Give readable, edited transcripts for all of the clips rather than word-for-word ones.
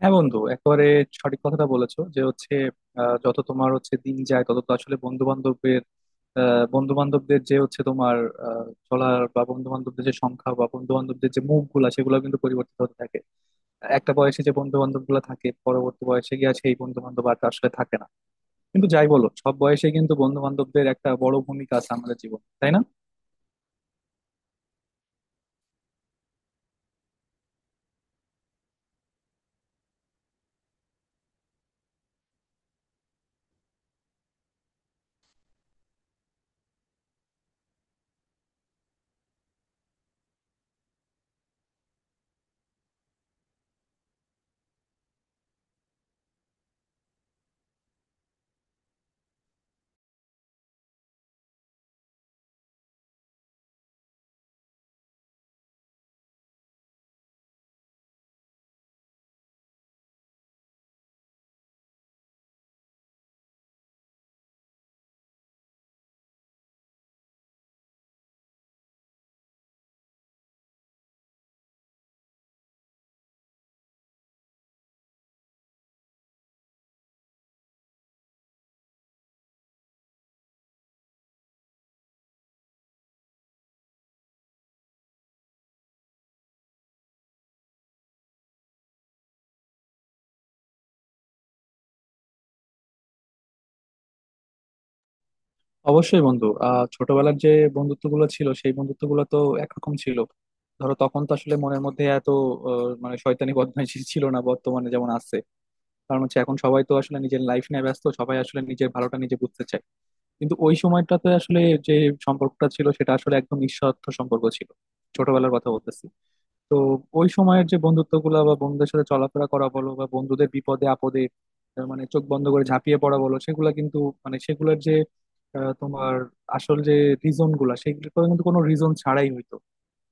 হ্যাঁ বন্ধু, একেবারে সঠিক কথাটা বলেছো যে হচ্ছে যত তোমার হচ্ছে দিন যায় তত তো আসলে বন্ধু বান্ধবদের যে হচ্ছে তোমার চলার বা বন্ধু বান্ধবদের যে সংখ্যা বা বন্ধু বান্ধবদের যে মুখ গুলা, সেগুলো কিন্তু পরিবর্তিত হতে থাকে। একটা বয়সে যে বন্ধু বান্ধব গুলা থাকে, পরবর্তী বয়সে গিয়ে সেই বন্ধু বান্ধব আর আসলে থাকে না। কিন্তু যাই বলো, সব বয়সে কিন্তু বন্ধু বান্ধবদের একটা বড় ভূমিকা আছে আমাদের জীবন, তাই না? অবশ্যই বন্ধু, ছোটবেলার যে বন্ধুত্ব গুলো ছিল সেই বন্ধুত্ব গুলো তো একরকম ছিল। ধরো, তখন তো আসলে মনের মধ্যে এত মানে শয়তানি বদমাইশি ছিল না বর্তমানে যেমন আছে। কারণ হচ্ছে এখন সবাই তো আসলে নিজের লাইফ নিয়ে ব্যস্ত, সবাই আসলে নিজের ভালোটা নিজে বুঝতে চায়। কিন্তু ওই সময়টাতে আসলে যে সম্পর্কটা ছিল সেটা আসলে একদম নিঃস্বার্থ সম্পর্ক ছিল। ছোটবেলার কথা বলতেছি। তো ওই সময়ের যে বন্ধুত্বগুলো বা বন্ধুদের সাথে চলাফেরা করা বলো বা বন্ধুদের বিপদে আপদে মানে চোখ বন্ধ করে ঝাঁপিয়ে পড়া বলো, সেগুলা কিন্তু মানে সেগুলোর যে তোমার আসল যে রিজন গুলা, সেগুলো কিন্তু কোনো রিজন ছাড়াই হইতো।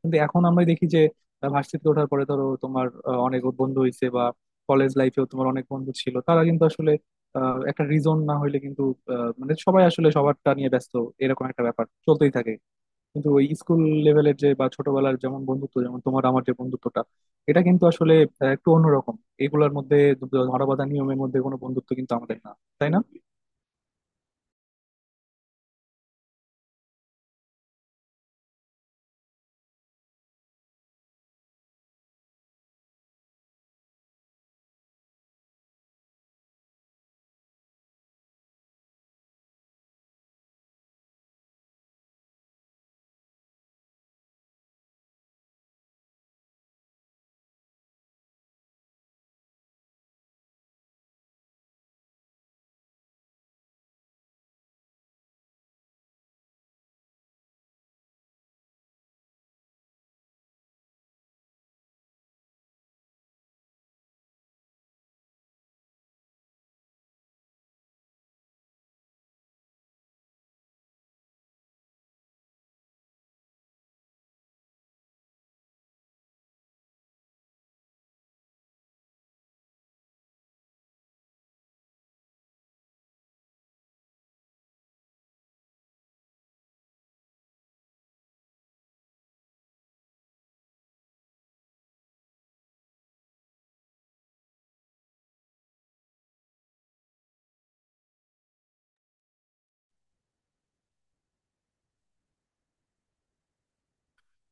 কিন্তু এখন আমরা দেখি যে ভার্সিটিতে ওঠার পরে ধরো তোমার অনেক বন্ধু হইছে, বা কলেজ লাইফেও তোমার অনেক বন্ধু ছিল, তারা কিন্তু আসলে একটা রিজন না হইলে কিন্তু মানে সবাই আসলে সবারটা নিয়ে ব্যস্ত, এরকম একটা ব্যাপার চলতেই থাকে। কিন্তু ওই স্কুল লেভেলের যে বা ছোটবেলার যেমন বন্ধুত্ব, যেমন তোমার আমার যে বন্ধুত্বটা, এটা কিন্তু আসলে একটু অন্যরকম। এগুলোর মধ্যে ধরা বাঁধা নিয়মের মধ্যে কোনো বন্ধুত্ব কিন্তু আমাদের না, তাই না?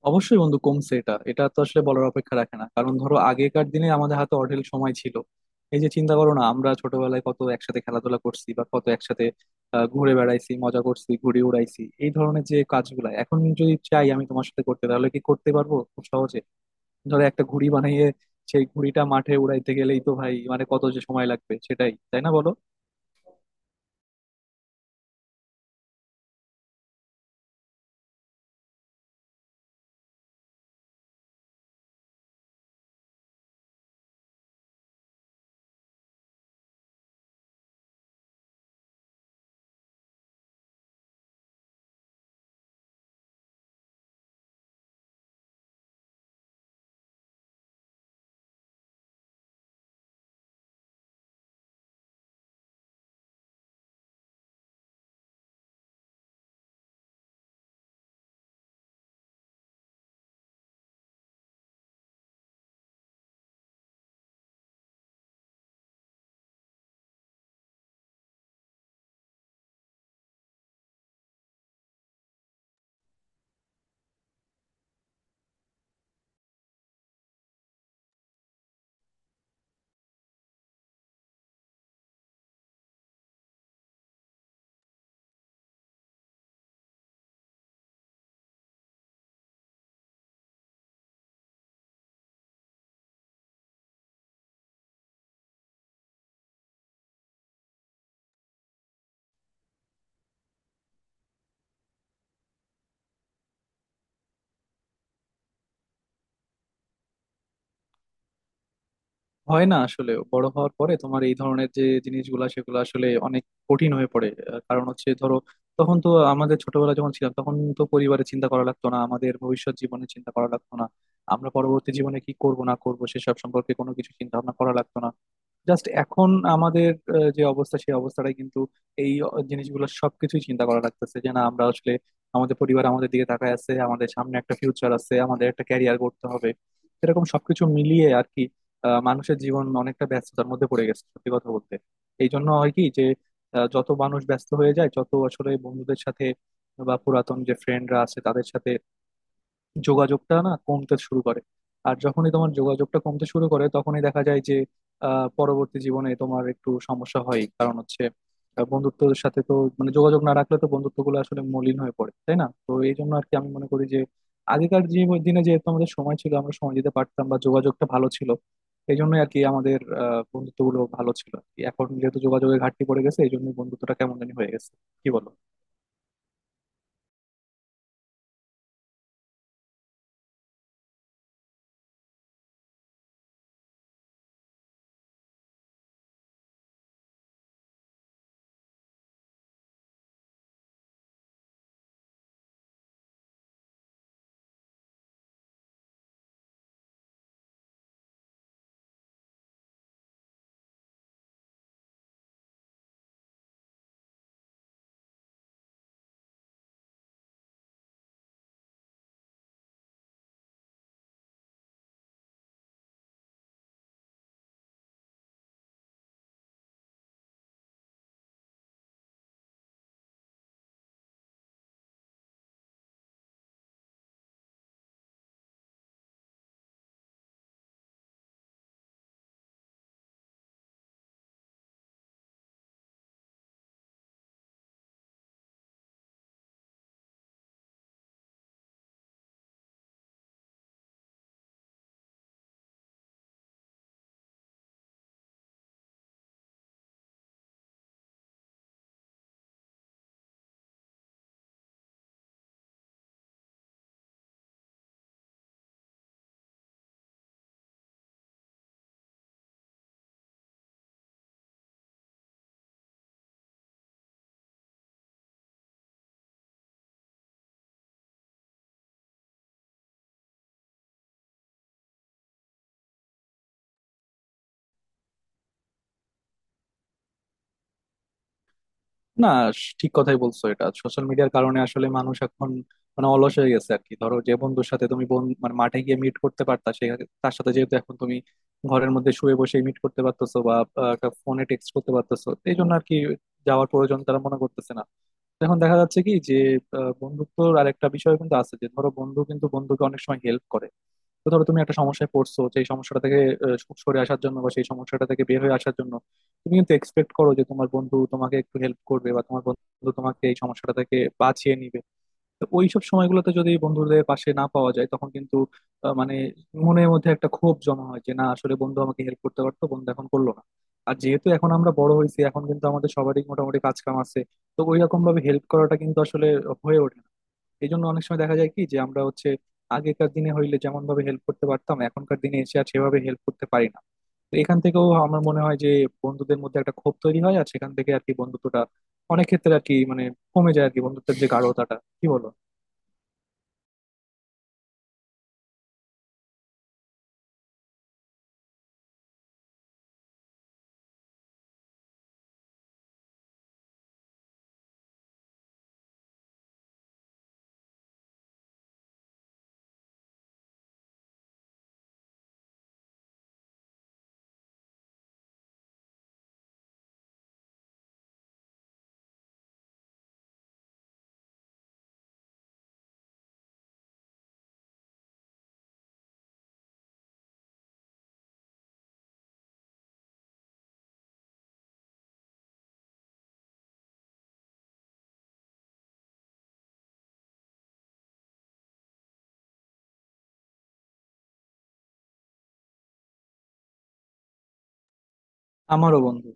অবশ্যই বন্ধু কমছে, এটা এটা তো আসলে বলার অপেক্ষা রাখে না। কারণ ধরো আগেকার দিনে আমাদের হাতে অঢেল সময় ছিল। এই যে চিন্তা করো না, আমরা ছোটবেলায় কত একসাথে খেলাধুলা করছি বা কত একসাথে ঘুরে বেড়াইছি, মজা করছি, ঘুড়ি উড়াইছি, এই ধরনের যে কাজগুলা এখন যদি চাই আমি তোমার সাথে করতে, তাহলে কি করতে পারবো খুব সহজে? ধরো একটা ঘুড়ি বানিয়ে সেই ঘুড়িটা মাঠে উড়াইতে গেলেই তো ভাই মানে কত যে সময় লাগবে সেটাই, তাই না বলো? হয় না আসলে, বড় হওয়ার পরে তোমার এই ধরনের যে জিনিসগুলা সেগুলো আসলে অনেক কঠিন হয়ে পড়ে। কারণ হচ্ছে ধরো তখন তো আমাদের ছোটবেলা যখন ছিলাম তখন তো পরিবারের চিন্তা করা লাগতো না, আমাদের ভবিষ্যৎ জীবনে চিন্তা করা লাগতো না। আমরা পরবর্তী জীবনে কি করব না করব সেসব সম্পর্কে কোনো কিছু চিন্তা ভাবনা করা লাগতো না। জাস্ট এখন আমাদের যে অবস্থা সেই অবস্থাটাই কিন্তু এই জিনিসগুলো সবকিছুই চিন্তা করা লাগতেছে যে না আমরা আসলে আমাদের পরিবার আমাদের দিকে তাকায় আছে, আমাদের সামনে একটা ফিউচার আছে, আমাদের একটা ক্যারিয়ার করতে হবে, এরকম সবকিছু মিলিয়ে আর কি মানুষের জীবন অনেকটা ব্যস্ততার মধ্যে পড়ে গেছে সত্যি কথা বলতে। এই জন্য হয় কি যে যত মানুষ ব্যস্ত হয়ে যায়, যত আসলে বন্ধুদের সাথে বা পুরাতন যে ফ্রেন্ডরা আছে তাদের সাথে যোগাযোগটা না কমতে শুরু করে, আর যখনই তোমার যোগাযোগটা কমতে শুরু করে তখনই দেখা যায় যে পরবর্তী জীবনে তোমার একটু সমস্যা হয়। কারণ হচ্ছে বন্ধুত্বের সাথে তো মানে যোগাযোগ না রাখলে তো বন্ধুত্বগুলো আসলে মলিন হয়ে পড়ে, তাই না? তো এই জন্য আর কি আমি মনে করি যে আগেকার দিনে যেহেতু আমাদের সময় ছিল, আমরা সময় দিতে পারতাম বা যোগাযোগটা ভালো ছিল, এই জন্যই আর কি আমাদের বন্ধুত্বগুলো ভালো ছিল আর কি। এখন যেহেতু যোগাযোগের ঘাটতি পড়ে গেছে এই জন্য বন্ধুত্বটা কেমন জানি হয়ে গেছে, কি বলো? না, ঠিক কথাই বলছো। এটা সোশ্যাল মিডিয়ার কারণে আসলে মানুষ এখন মানে অলস হয়ে গেছে আর কি। ধরো যে বন্ধুর সাথে তুমি মানে মাঠে গিয়ে মিট করতে পারতা সে, তার সাথে যেহেতু এখন তুমি ঘরের মধ্যে শুয়ে বসে মিট করতে পারতেছো বা ফোনে টেক্সট করতে পারতেছো, এই জন্য আর কি যাওয়ার প্রয়োজন তারা মনে করতেছে না। এখন দেখা যাচ্ছে কি যে বন্ধুত্বর আর একটা বিষয় কিন্তু আছে যে ধরো বন্ধু কিন্তু বন্ধুকে অনেক সময় হেল্প করে। তো ধরো তুমি একটা সমস্যায় পড়ছো, সেই সমস্যাটা থেকে সরে আসার জন্য বা সেই সমস্যাটা থেকে বের হয়ে আসার জন্য তুমি কিন্তু এক্সপেক্ট করো যে তোমার বন্ধু তোমাকে একটু হেল্প করবে বা তোমার বন্ধু তোমাকে এই সমস্যাটা থেকে বাঁচিয়ে নিবে। তো ওইসব সময়গুলোতে যদি বন্ধুদের পাশে না পাওয়া যায় তখন কিন্তু মানে মনের মধ্যে একটা ক্ষোভ জমা হয় যে না, আসলে বন্ধু আমাকে হেল্প করতে পারতো, বন্ধু এখন করলো না। আর যেহেতু এখন আমরা বড় হয়েছি, এখন কিন্তু আমাদের সবারই মোটামুটি কাজ কাম আছে, তো ওই রকম ভাবে হেল্প করাটা কিন্তু আসলে হয়ে ওঠে না। এই জন্য অনেক সময় দেখা যায় কি যে আমরা হচ্ছে আগেকার দিনে হইলে যেমন ভাবে হেল্প করতে পারতাম এখনকার দিনে এসে আর সেভাবে হেল্প করতে পারি না। তো এখান থেকেও আমার মনে হয় যে বন্ধুদের মধ্যে একটা ক্ষোভ তৈরি হয়, আর সেখান থেকে আর কি বন্ধুত্বটা অনেক ক্ষেত্রে আর কি মানে কমে যায় আর কি, বন্ধুত্বের যে গাঢ়তাটা, কি বলো? আমারও বন্ধু